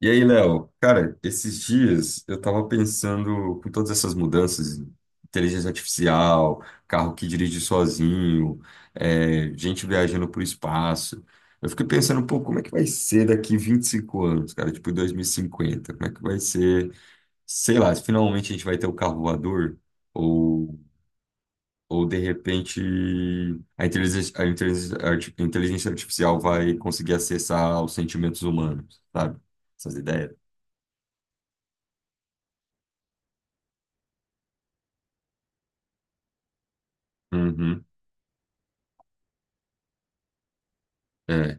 E aí, Léo, cara, esses dias eu tava pensando com todas essas mudanças, inteligência artificial, carro que dirige sozinho, é, gente viajando pro espaço. Eu fiquei pensando, pô, como é que vai ser daqui 25 anos, cara? Tipo, 2050? Como é que vai ser? Sei lá, se finalmente a gente vai ter o carro voador ou, ou de repente a inteligência artificial vai conseguir acessar os sentimentos humanos, sabe? Essas ideias. É,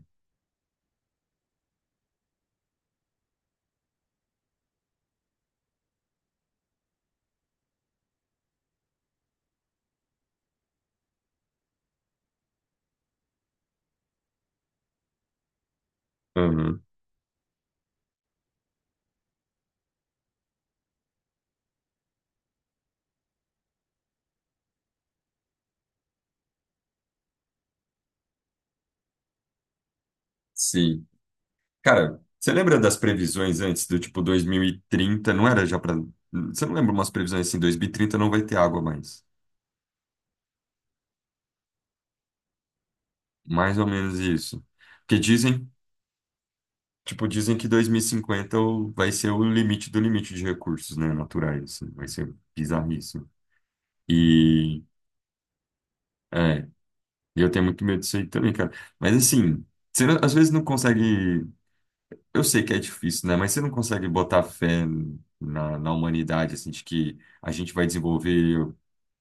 aham, sim. Cara, você lembra das previsões antes do tipo 2030? Não era já pra. Você não lembra umas previsões assim, 2030 não vai ter água mais. Mais ou menos isso. Porque dizem, tipo, dizem que 2050 vai ser o limite do limite de recursos, né, naturais, assim. Vai ser bizarríssimo. E é, eu tenho muito medo disso aí também, cara. Mas assim, você não- às vezes não consegue. Eu sei que é difícil, né? Mas você não consegue botar fé na humanidade, assim, de que a gente vai desenvolver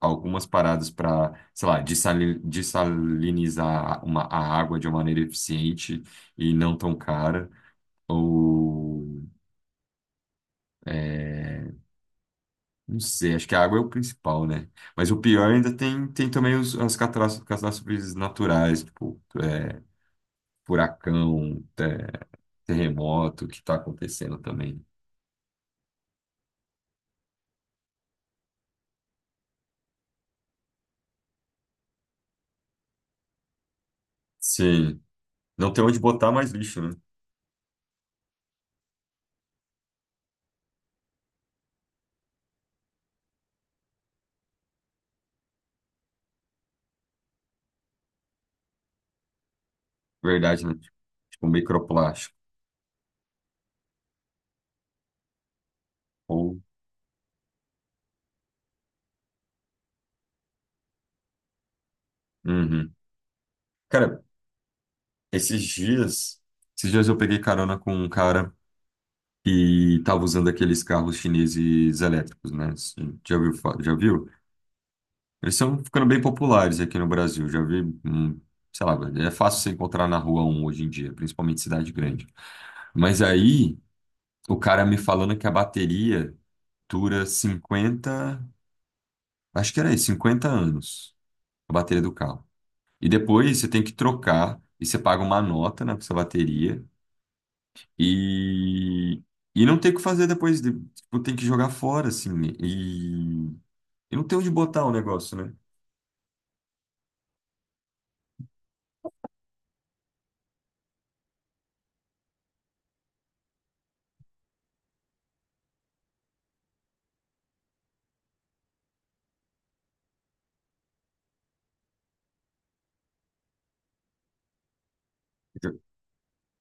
algumas paradas para, sei lá, dessalinizar a água de uma maneira eficiente e não tão cara. Ou, é, não sei, acho que a água é o principal, né? Mas o pior ainda tem também os, as catástrofes, catástrofes naturais, tipo, é, furacão, é, terremoto que está acontecendo também. Sim. Não tem onde botar mais lixo, né? Verdade, né? Tipo, microplástico. Ou. Uhum. Cara, esses dias... Esses dias eu peguei carona com um cara que tava usando aqueles carros chineses elétricos, né? Assim, já viu? Eles estão ficando bem populares aqui no Brasil. Já vi, sei lá, velho, é fácil você encontrar na rua um hoje em dia, principalmente em cidade grande. Mas aí, o cara me falando que a bateria dura 50 acho que era isso, 50 anos, a bateria do carro. E depois você tem que trocar e você paga uma nota na sua bateria e, e não tem o que fazer depois. Tipo, tem que jogar fora, assim. E, e não tem onde botar o negócio, né?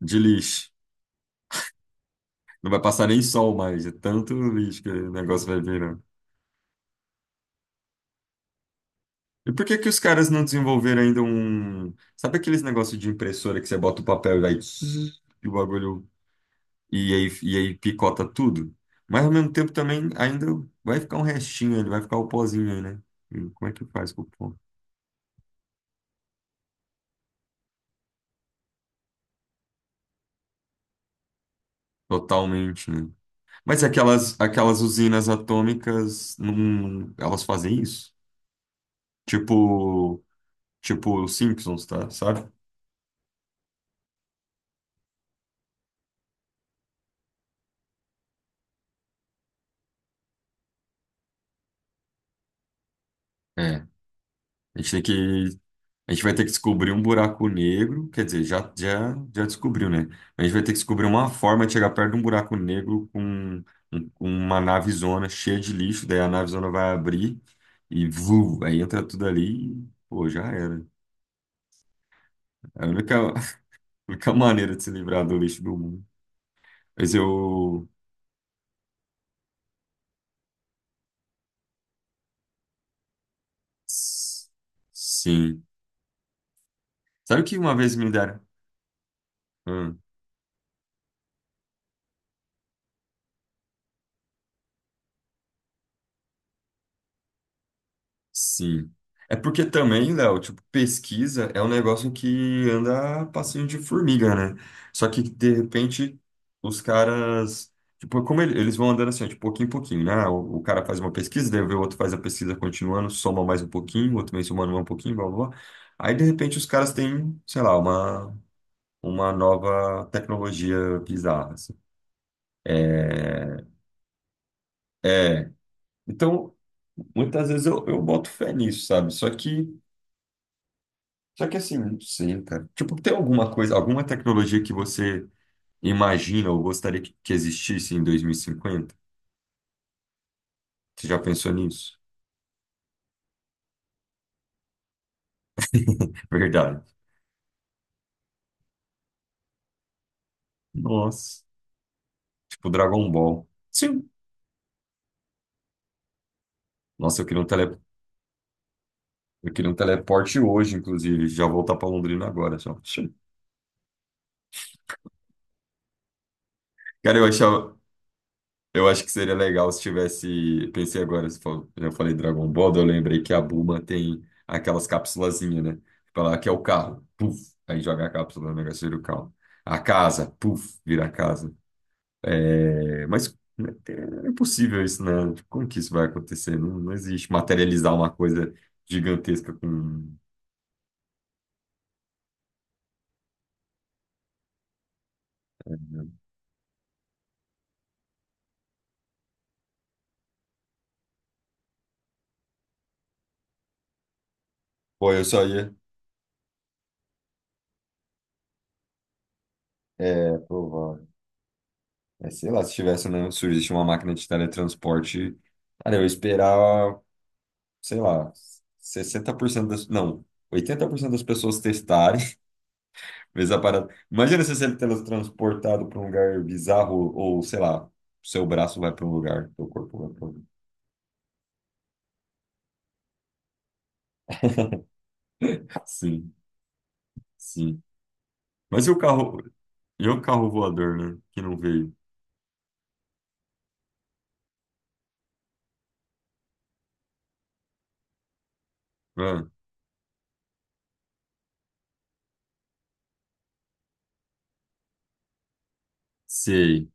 De lixo. Não vai passar nem sol mais. É tanto lixo que o negócio vai virando. E por que que os caras não desenvolveram ainda um. Sabe aqueles negócios de impressora que você bota o papel e vai, zzz, e o bagulho e aí picota tudo. Mas ao mesmo tempo também ainda vai ficar um restinho, ele vai ficar o pozinho aí, né? E como é que faz com o pó? Totalmente, né? Mas aquelas usinas atômicas, não, elas fazem isso? Tipo, tipo os Simpsons, tá? Sabe? É. A gente tem que A gente vai ter que descobrir um buraco negro, quer dizer, já descobriu, né? A gente vai ter que descobrir uma forma de chegar perto de um buraco negro com uma navezona cheia de lixo, daí a navezona vai abrir e vu, aí entra tudo ali e, pô, já era. É a única, a única maneira de se livrar do lixo do mundo. Mas eu. s- Sim. Sabe o que uma vez me deram? Hum. Sim. É porque também, Léo, tipo, pesquisa é um negócio que anda a passinho de formiga, né? Só que, de repente, os caras. Tipo, como eles vão andando assim, ó, de pouquinho em pouquinho, né? Ah, o cara faz uma pesquisa, daí vê o outro faz a pesquisa continuando, soma mais um pouquinho, o outro vem somando mais um pouquinho, blá, blá, blá. Aí, de repente, os caras têm, sei lá, uma nova tecnologia bizarra, assim. É, é. Então, muitas vezes eu boto fé nisso, sabe? Só que. Assim, não sei, cara. Tipo, tem alguma coisa, alguma tecnologia que você imagina ou gostaria que existisse em 2050? Você já pensou nisso? Verdade. Nossa. Tipo Dragon Ball. Sim. Nossa, eu queria um teleporte hoje, inclusive. Já voltar pra Londrina agora, só. Sim. Cara, Eu acho que seria legal se tivesse. Pensei agora, se for- eu falei Dragon Ball, eu lembrei que a Bulma tem aquelas cápsulazinhas, né? Tipo, ela que é o carro, puf, aí joga a cápsula no negócio e vira o carro. A casa, puf, vira a casa. É, mas né, é impossível isso, né? Tipo, como que isso vai acontecer? Não, não existe materializar uma coisa gigantesca com. Pô, eu só ia. É, provável. É, sei lá, se tivesse, né? Surgisse uma máquina de teletransporte. Cara, eu ia esperar, sei lá, 60% das, não, 80% das pessoas testarem, vezes a parada. Imagina se você é teletransportado para um lugar bizarro ou, sei lá, seu braço vai para um lugar, seu corpo vai para outro. Sim, sim. Mas e o carro voador, né, que não veio? Ah, sei.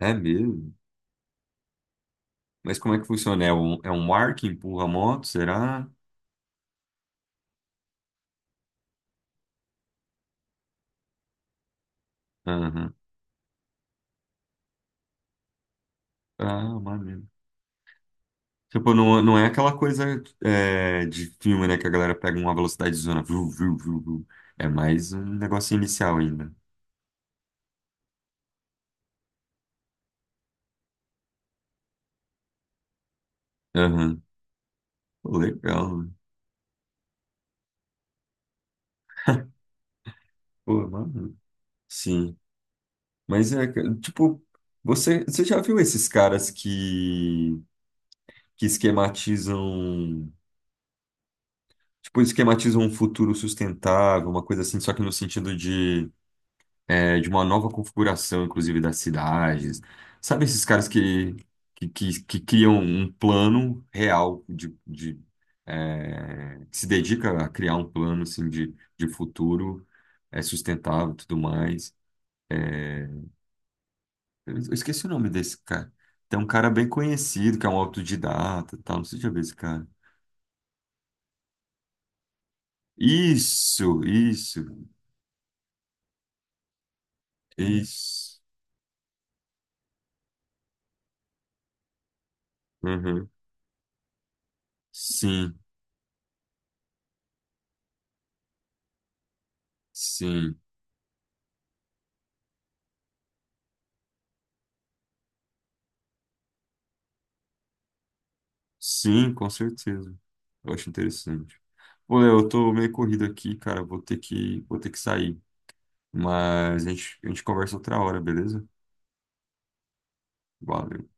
É mesmo? Mas como é que funciona? É um ar que empurra a moto, será? Aham. Ah, maneiro. Tipo, não, não é aquela coisa é, de filme, né? Que a galera pega uma velocidade de zona. Viu, viu, viu, viu. É mais um negócio inicial ainda. Aham. Pô, legal. Pô, mano. Sim. Mas tipo, você já viu esses caras que esquematizam, tipo, esquematizam um futuro sustentável, uma coisa assim, só que no sentido de uma nova configuração, inclusive, das cidades. Sabe esses caras que criam um plano real que se dedica a criar um plano assim, de futuro sustentável e tudo mais. É, eu esqueci o nome desse cara. Tem um cara bem conhecido, que é um autodidata, e tal. Não sei se já viu esse cara. Isso, isso, isso. Uhum. Sim, sim. Sim, com certeza. Eu acho interessante. Pô, Léo, eu tô meio corrido aqui, cara. Vou ter que sair. Mas a gente conversa outra hora, beleza? Valeu.